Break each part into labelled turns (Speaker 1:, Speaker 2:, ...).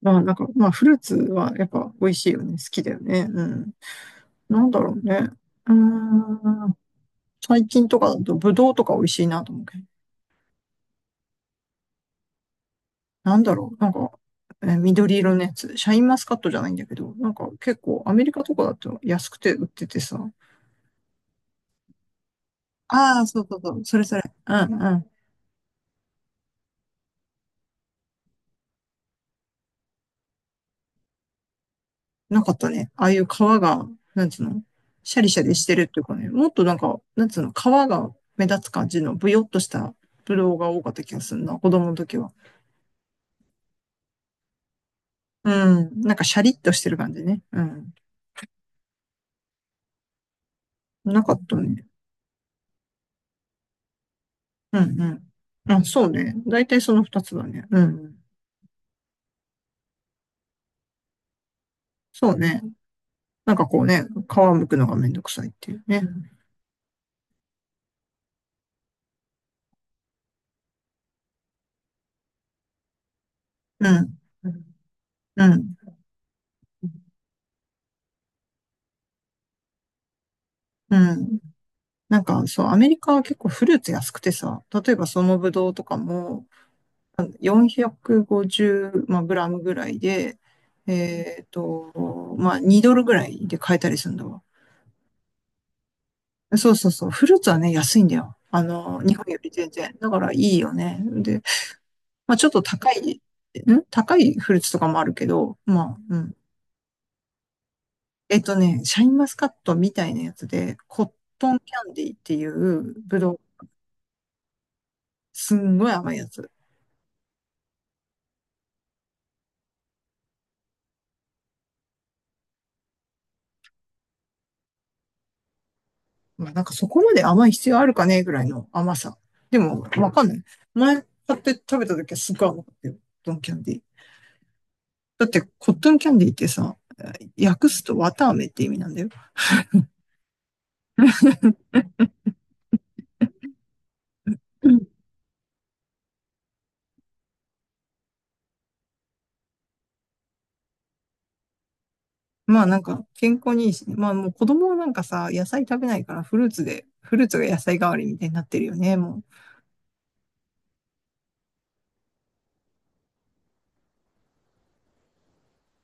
Speaker 1: まあなんか、まあフルーツはやっぱ美味しいよね。好きだよね。うん。なんだろうね。うーん。最近とかだとブドウとか美味しいなと思うけど。なんだろう。なんか、緑色のやつ。シャインマスカットじゃないんだけど、なんか結構アメリカとかだと安くて売っててさ。ああ、そうそうそう。それそれ。うんうん。なかったね。ああいう皮が、なんつうの、シャリシャリしてるっていうかね。もっとなんか、なんつうの、皮が目立つ感じのブヨっとしたブドウが多かった気がするな。子供の時は。うん。なんかシャリッとしてる感じね。うん。なかったね。うんうん。あ、そうね。大体その二つだね。うん。そうね。なんかこうね、皮むくのがめんどくさいっていうね。うん。うん。うん。なんかそう、アメリカは結構フルーツ安くてさ、例えばそのブドウとかも450、まあ、グラムぐらいで、えっと、まあ2ドルぐらいで買えたりするんだわ。そうそうそう。フルーツはね、安いんだよ。あの、日本より全然。だからいいよね。で、まあちょっと高い、高いフルーツとかもあるけど、まあ、うん。えっとね、シャインマスカットみたいなやつで、コットンキャンディーっていうぶどう、すんごい甘いやつ。まあなんかそこまで甘い必要あるかねぐらいの甘さ。でも、わかんない。前買って食べた時はすっごい甘かったよ。コットンキャンディー。だって、コットンキャンディーってさ、訳すと綿飴って意味なんだよ。まあなんか健康にいいしね。まあもう子供はなんかさ、野菜食べないからフルーツで、フルーツが野菜代わりみたいになってるよね、も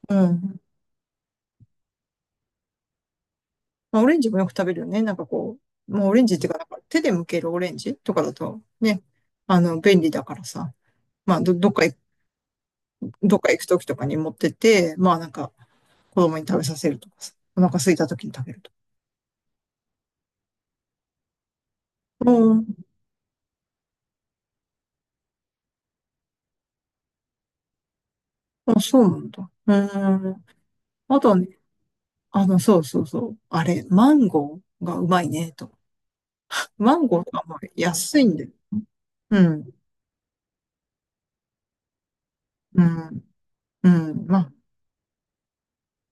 Speaker 1: う。うん。まあオレンジもよく食べるよね。なんかこう、もうオレンジっていうか、なんか手で剥けるオレンジとかだとね、便利だからさ。まあどっか行く時とかに持ってて、まあなんか子供に食べさせるとかさ。お腹空いた時に食べるとか。うん。あ、そうなんだ。うん。あとはね、そうそうそう。あれ、マンゴーがうまいね、と。マンゴーとかも安いんで。うん。うん。うん。まあ、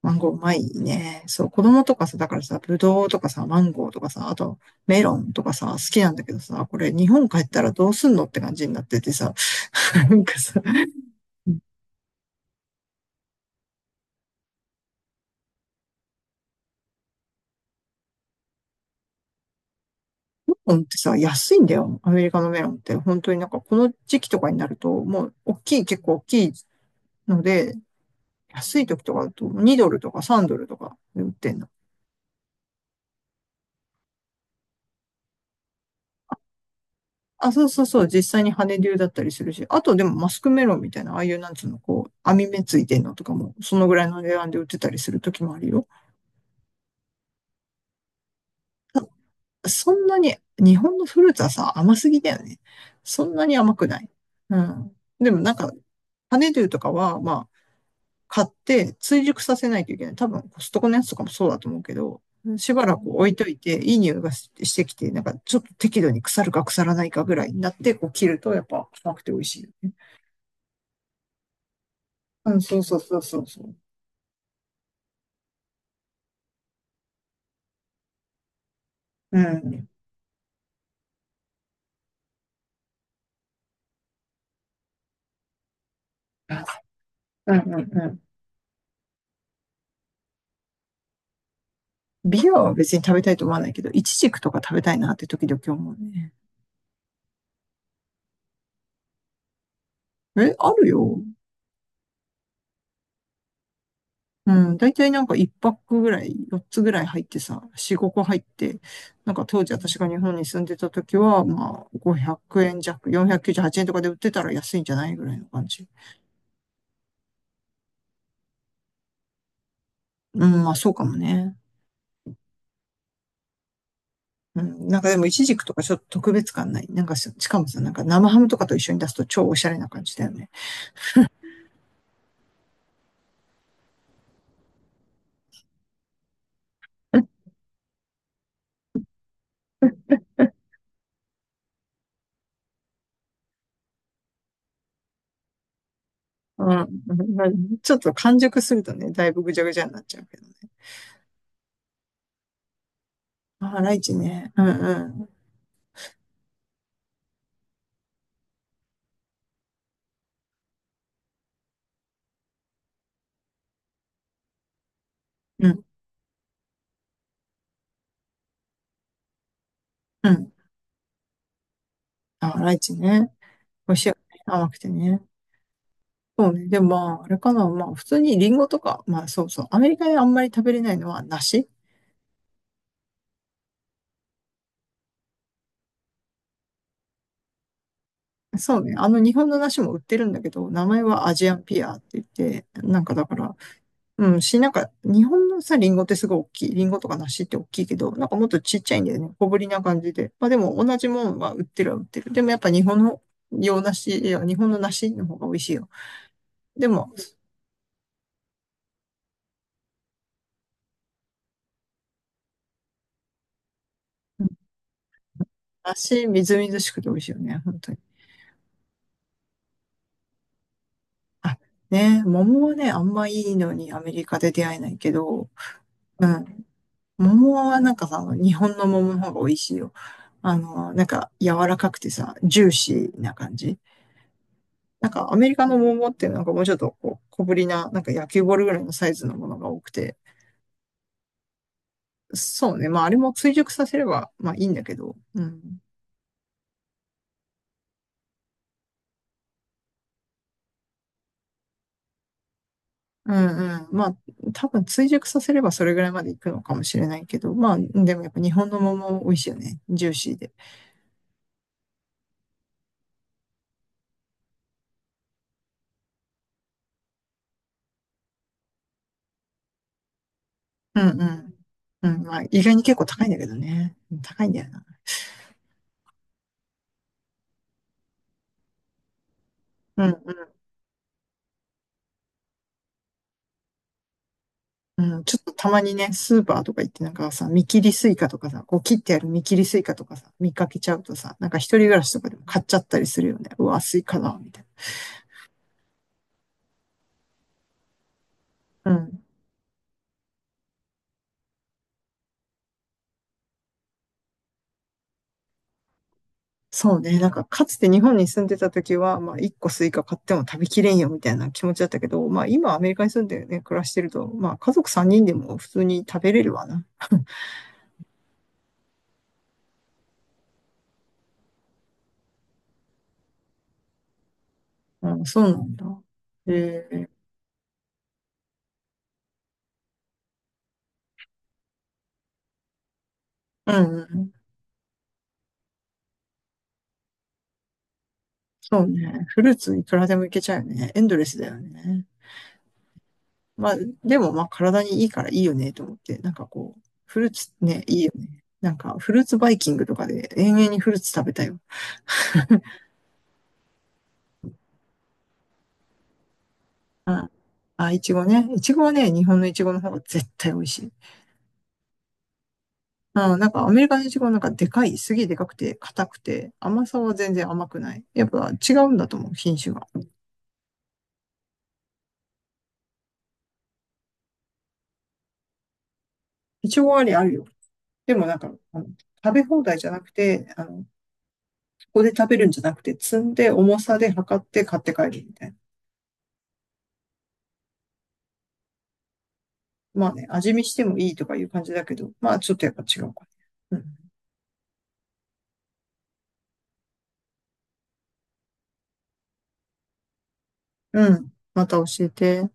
Speaker 1: マンゴーうまいね。そう、子供とかさ、だからさ、ブドウとかさ、マンゴーとかさ、あとメロンとかさ、好きなんだけどさ、これ日本帰ったらどうすんのって感じになっててさ、なんかさ、メロンってさ、安いんだよ。アメリカのメロンって。本当になんかこの時期とかになると、もう大きい、結構大きいので、安い時とかだと2ドルとか3ドルとかで売ってんの。あ、そうそうそう、実際に羽竜だったりするし、あとでもマスクメロンみたいな、ああいうなんつうの、こう、網目ついてんのとかも、そのぐらいの値段で売ってたりする時もあるよ。そんなに、日本のフルーツはさ、甘すぎだよね。そんなに甘くない。うん。でもなんか、羽竜とかは、まあ、買って追熟させないといけない。多分、コストコのやつとかもそうだと思うけど、しばらく置いといて、いい匂いがしてきて、なんかちょっと適度に腐るか腐らないかぐらいになって、こう切ると、やっぱ甘くて美味しいよね。うん、そうそうそうそうそう。うん。あ、うんうんうん。ビアは別に食べたいと思わないけど、イチジクとか食べたいなって時々思うね。え、あるよ。うん。だいたいなんか一パックぐらい、四つぐらい入ってさ、四五個入って、なんか当時私が日本に住んでた時は、まあ、500円弱、498円とかで売ってたら安いんじゃないぐらいの感じ。うん、まあそうかもね。うん、なんかでもイチジクとかちょっと特別感ない。なんかしかもさ、なんか生ハムとかと一緒に出すと超おしゃれな感じだよね。うん。まあちょっと完熟するとね、だいぶぐちゃぐちゃになっちゃうけどね。あ、ライチね。うんうん。うん。うん。あ、ライチね。美味しいよね。甘くてね。そうね。でもまあ、あれかな。まあ、普通にリンゴとか、まあそうそう。アメリカであんまり食べれないのは梨。そうね。あの日本の梨も売ってるんだけど、名前はアジアンピアって言って、なんかだから、うん、なんか、日本のさ、リンゴってすごい大きい。リンゴとか梨って大きいけど、なんかもっとちっちゃいんだよね。小ぶりな感じで。まあでも、同じもんは売ってるは売ってる。でもやっぱ日本の洋梨、いや、日本の梨の方が美味しいよ。でも、うん梨、みずみずしくて美味しいよね、本当に。あ、ね、桃はね、あんまいいのにアメリカで出会えないけど、うん、桃はなんかさ、日本の桃の方が美味しいよ。なんか柔らかくてさ、ジューシーな感じ。なんかアメリカの桃ってなんかもうちょっとこう小ぶりな、なんか野球ボールぐらいのサイズのものが多くて、そうね。まああれも追熟させればまあいいんだけど、うん。うんうん。まあ多分追熟させればそれぐらいまでいくのかもしれないけど、まあでもやっぱ日本の桃美味しいよね。ジューシーで。うんうん。うん、まあ意外に結構高いんだけどね。高いんだよな。うんうん、ちょっとたまにね、スーパーとか行ってなんかさ、見切りスイカとかさ、こう切ってある見切りスイカとかさ、見かけちゃうとさ、なんか一人暮らしとかでも買っちゃったりするよね。うわ、スイカだ、みたいな。うん。そうね。なんかかつて日本に住んでた時は、まあ一個スイカ買っても食べきれんよ、みたいな気持ちだったけど、まあ今アメリカに住んでね、暮らしてると、まあ家族3人でも普通に食べれるわな。うん、そうなんだ。えー、うん、うん。そうね。フルーツいくらでもいけちゃうよね。エンドレスだよね。まあ、でもまあ体にいいからいいよねと思って、なんかこう、フルーツね、いいよね。なんかフルーツバイキングとかで延々にフルーツ食べたよ。うん。あ、いちごね。いちごはね、日本のいちごの方が絶対美味しい。うん、なんかアメリカのいちごなんかでかい、すげえでかくて、硬くて、甘さは全然甘くない。やっぱ違うんだと思う、品種が。いちごあるよ。でもなんか、あの食べ放題じゃなくて、あの、ここで食べるんじゃなくて、積んで重さで測って買って帰るみたいな。まあね、味見してもいいとかいう感じだけど、まあちょっとやっぱ違うかね。うん。うん。また教えて。